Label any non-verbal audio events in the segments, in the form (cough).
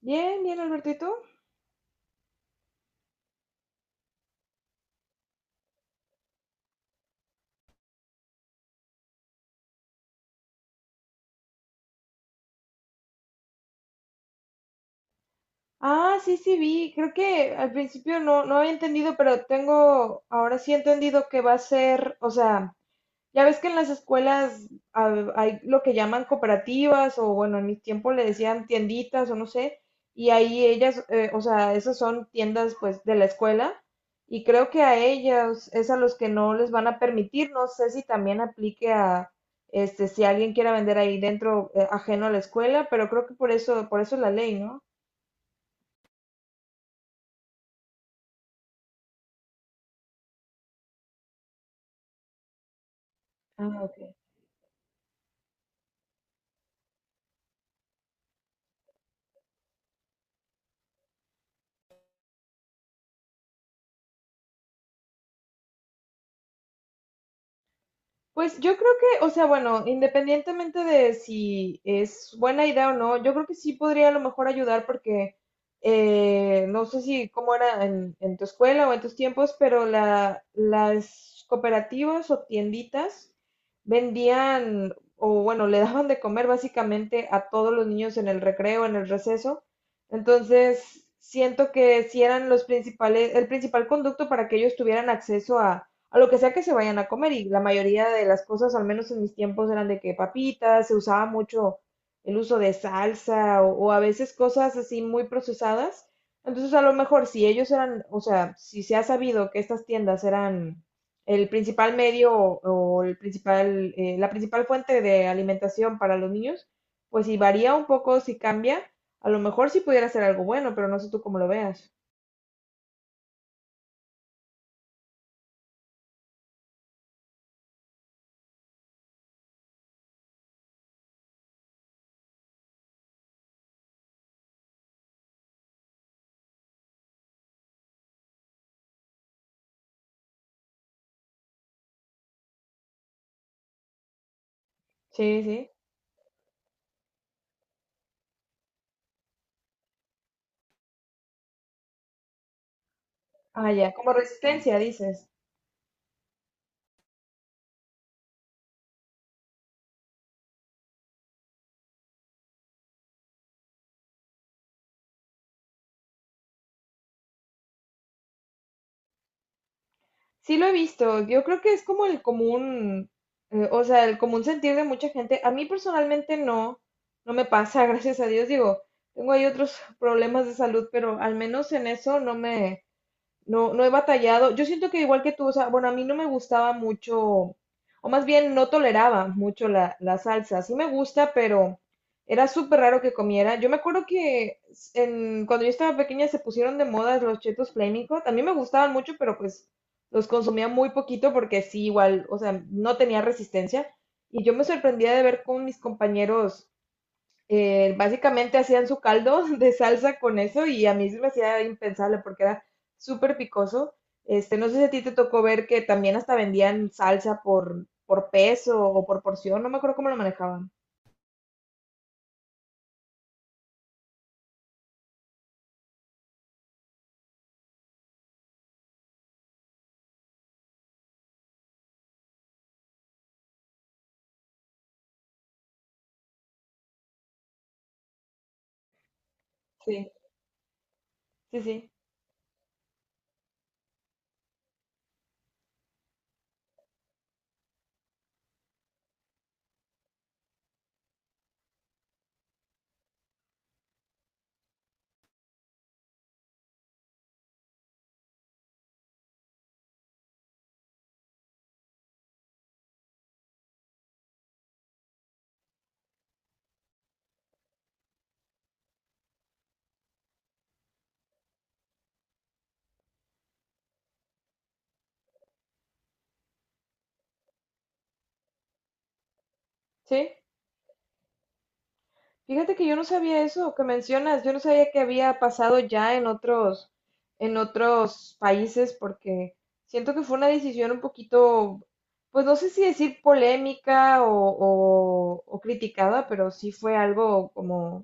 Bien, bien, Alberto, ¿y tú? Ah, sí, sí, vi. Creo que al principio no había entendido, pero tengo, ahora sí he entendido que va a ser, o sea, ya ves que en las escuelas hay lo que llaman cooperativas o bueno, en mi tiempo le decían tienditas o no sé, y ahí ellas, o sea, esas son tiendas pues de la escuela y creo que a ellas es a los que no les van a permitir, no sé si también aplique a este si alguien quiera vender ahí dentro ajeno a la escuela, pero creo que por eso es la ley, ¿no? Ah, ok. Pues yo creo que, o sea, bueno, independientemente de si es buena idea o no, yo creo que sí podría a lo mejor ayudar porque no sé si cómo era en tu escuela o en tus tiempos, pero las cooperativas o tienditas vendían o bueno, le (laughs) daban de comer básicamente a todos los niños en el recreo, en el receso. Entonces, siento que si eran los principales, el principal conducto para que ellos tuvieran acceso a lo que sea que se vayan a comer. Y la mayoría de las cosas, al menos en mis tiempos, eran de que papitas, se usaba mucho el uso de salsa o a veces cosas así muy procesadas. Entonces, a lo mejor si ellos eran, o sea, si se ha sabido que estas tiendas eran el principal medio o el principal, la principal fuente de alimentación para los niños, pues si varía un poco, si cambia, a lo mejor sí pudiera ser algo bueno, pero no sé tú cómo lo veas. Sí, sí. Ah, ya, como resistencia, dices. Sí lo he visto, yo creo que es como el común, o sea, el común sentir de mucha gente. A mí personalmente no, no me pasa, (laughs) gracias a Dios. Digo, tengo ahí otros problemas de salud, pero al menos en eso no me, no, no he batallado. Yo siento que igual que tú, o sea, bueno, a mí no me gustaba mucho, o más bien no toleraba mucho la salsa. Sí me gusta, pero era súper raro que comiera. Yo me acuerdo que en, cuando yo estaba pequeña se pusieron de moda los chetos Flaming Hot. A mí me gustaban mucho, pero pues los consumía muy poquito porque sí, igual, o sea, no tenía resistencia. Y yo me sorprendía de ver cómo mis compañeros básicamente hacían su caldo (laughs) de salsa con eso y a mí se me hacía impensable porque era súper picoso. Este, no sé si a ti te tocó ver que también hasta vendían salsa por peso o por porción, no me acuerdo cómo lo manejaban. Sí, sí, sí, sí. Fíjate que yo no sabía eso que mencionas, yo no sabía que había pasado ya en otros países, porque siento que fue una decisión un poquito, pues no sé si decir polémica o criticada, pero sí fue algo como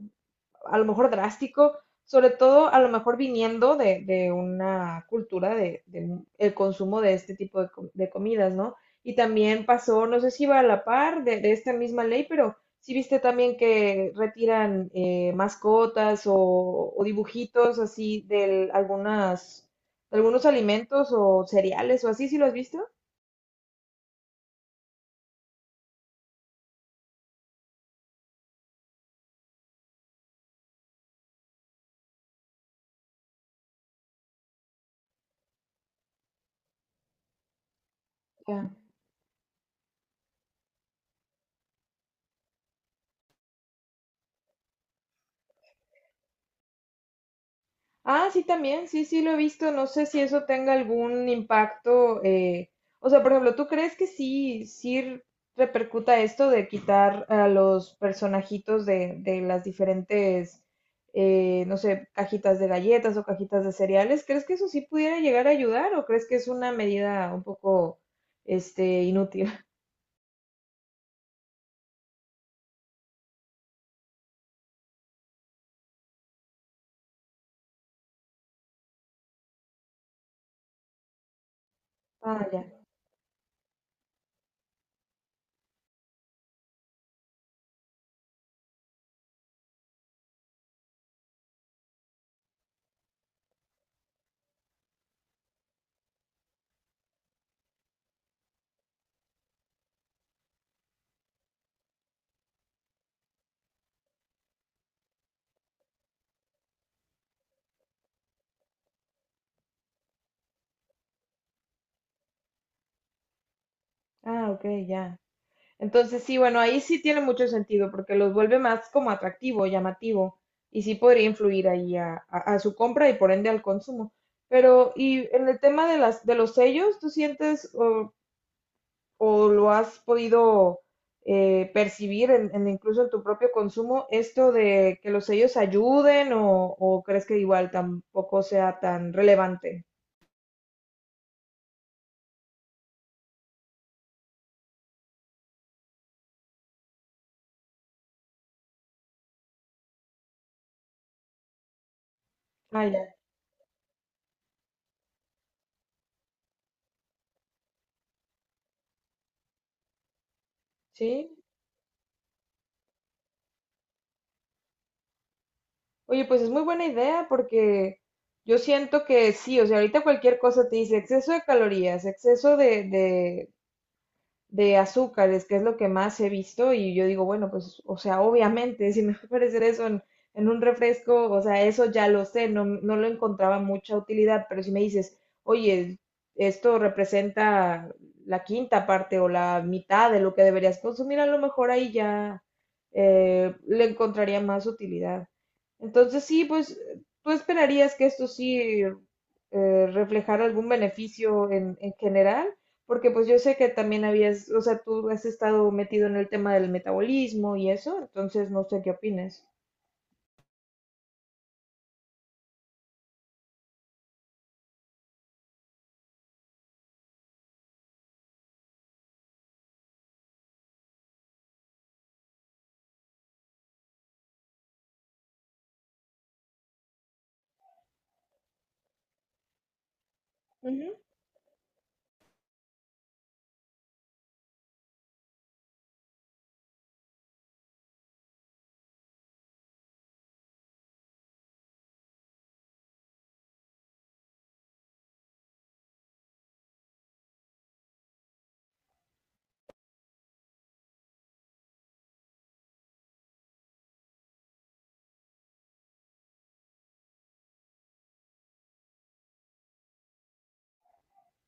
a lo mejor drástico, sobre todo a lo mejor viniendo de una cultura de el consumo de este tipo de comidas, ¿no? Y también pasó, no sé si iba a la par de esta misma ley, pero sí viste también que retiran mascotas o dibujitos así de algunas, de algunos alimentos o cereales o así, ¿sí lo has visto? Ah, sí, también, sí, sí lo he visto. No sé si eso tenga algún impacto. O sea, por ejemplo, ¿tú crees que sí, sí repercuta esto de quitar a los personajitos de las diferentes, no sé, cajitas de galletas o cajitas de cereales? ¿Crees que eso sí pudiera llegar a ayudar o crees que es una medida un poco, este, inútil? (laughs) Ah, ya. Ah, ok, ya. Entonces, sí, bueno, ahí sí tiene mucho sentido porque los vuelve más como atractivo, llamativo y sí podría influir ahí a su compra y por ende al consumo. Pero, y en el tema de las, de los sellos, ¿tú sientes o lo has podido percibir en incluso en tu propio consumo esto de que los sellos ayuden o crees que igual tampoco sea tan relevante? Ah, ya. ¿Sí? Oye, pues es muy buena idea porque yo siento que sí, o sea, ahorita cualquier cosa te dice exceso de calorías, exceso de azúcares, que es lo que más he visto, y yo digo, bueno, pues, o sea, obviamente, si me (laughs) va a aparecer eso en un refresco, o sea, eso ya lo sé, no, no lo encontraba mucha utilidad, pero si me dices, oye, esto representa la quinta parte o la mitad de lo que deberías consumir, a lo mejor ahí ya le encontraría más utilidad. Entonces sí, pues tú esperarías que esto sí reflejara algún beneficio en general, porque pues yo sé que también habías, o sea, tú has estado metido en el tema del metabolismo y eso, entonces no sé qué opines. Ujú.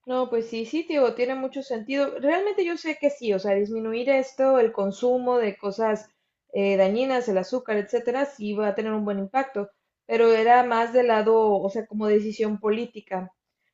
No, pues sí, sí, tío, tiene mucho sentido. Realmente yo sé que sí, o sea, disminuir esto, el consumo de cosas dañinas, el azúcar, etcétera, sí va a tener un buen impacto, pero era más del lado, o sea, como decisión política.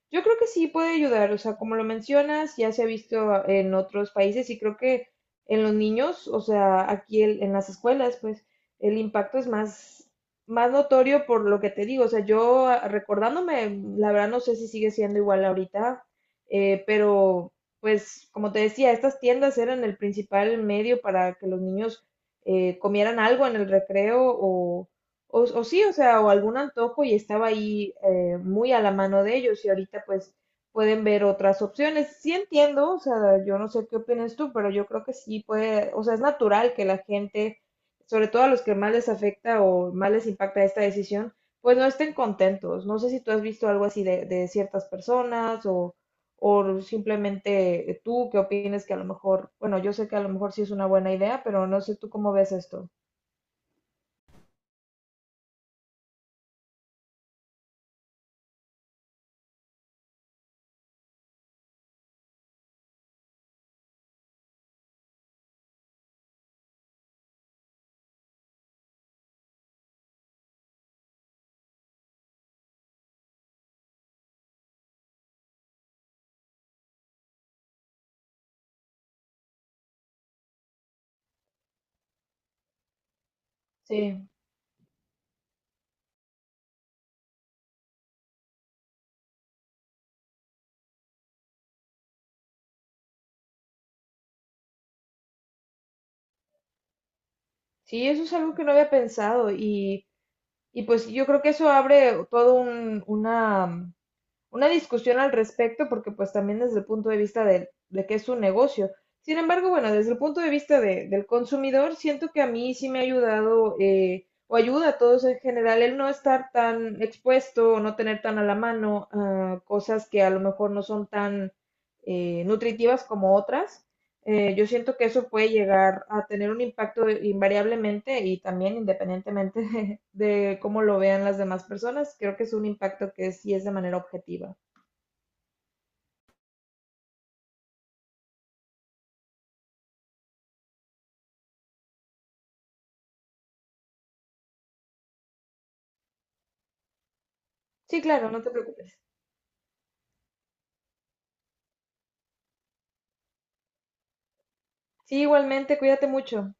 Yo creo que sí puede ayudar, o sea, como lo mencionas, ya se ha visto en otros países y creo que en los niños, o sea, aquí en las escuelas, pues el impacto es más, más notorio por lo que te digo, o sea, yo recordándome, la verdad no sé si sigue siendo igual ahorita, pero pues como te decía, estas tiendas eran el principal medio para que los niños comieran algo en el recreo o sí, o sea, o algún antojo y estaba ahí muy a la mano de ellos y ahorita pues pueden ver otras opciones. Sí entiendo, o sea, yo no sé qué opinas tú, pero yo creo que sí puede, o sea, es natural que la gente, sobre todo a los que más les afecta o más les impacta esta decisión, pues no estén contentos. No sé si tú has visto algo así de ciertas personas o simplemente tú que opinas que a lo mejor, bueno, yo sé que a lo mejor sí es una buena idea, pero no sé tú cómo ves esto. Sí. Sí, eso es algo que no había pensado y pues yo creo que eso abre una discusión al respecto porque pues también desde el punto de vista de que es un negocio. Sin embargo, bueno, desde el punto de vista del consumidor, siento que a mí sí me ha ayudado o ayuda a todos en general el no estar tan expuesto o no tener tan a la mano cosas que a lo mejor no son tan nutritivas como otras. Yo siento que eso puede llegar a tener un impacto invariablemente y también independientemente (laughs) de cómo lo vean las demás personas. Creo que es un impacto que sí es de manera objetiva. Sí, claro, no te preocupes. Sí, igualmente, cuídate mucho.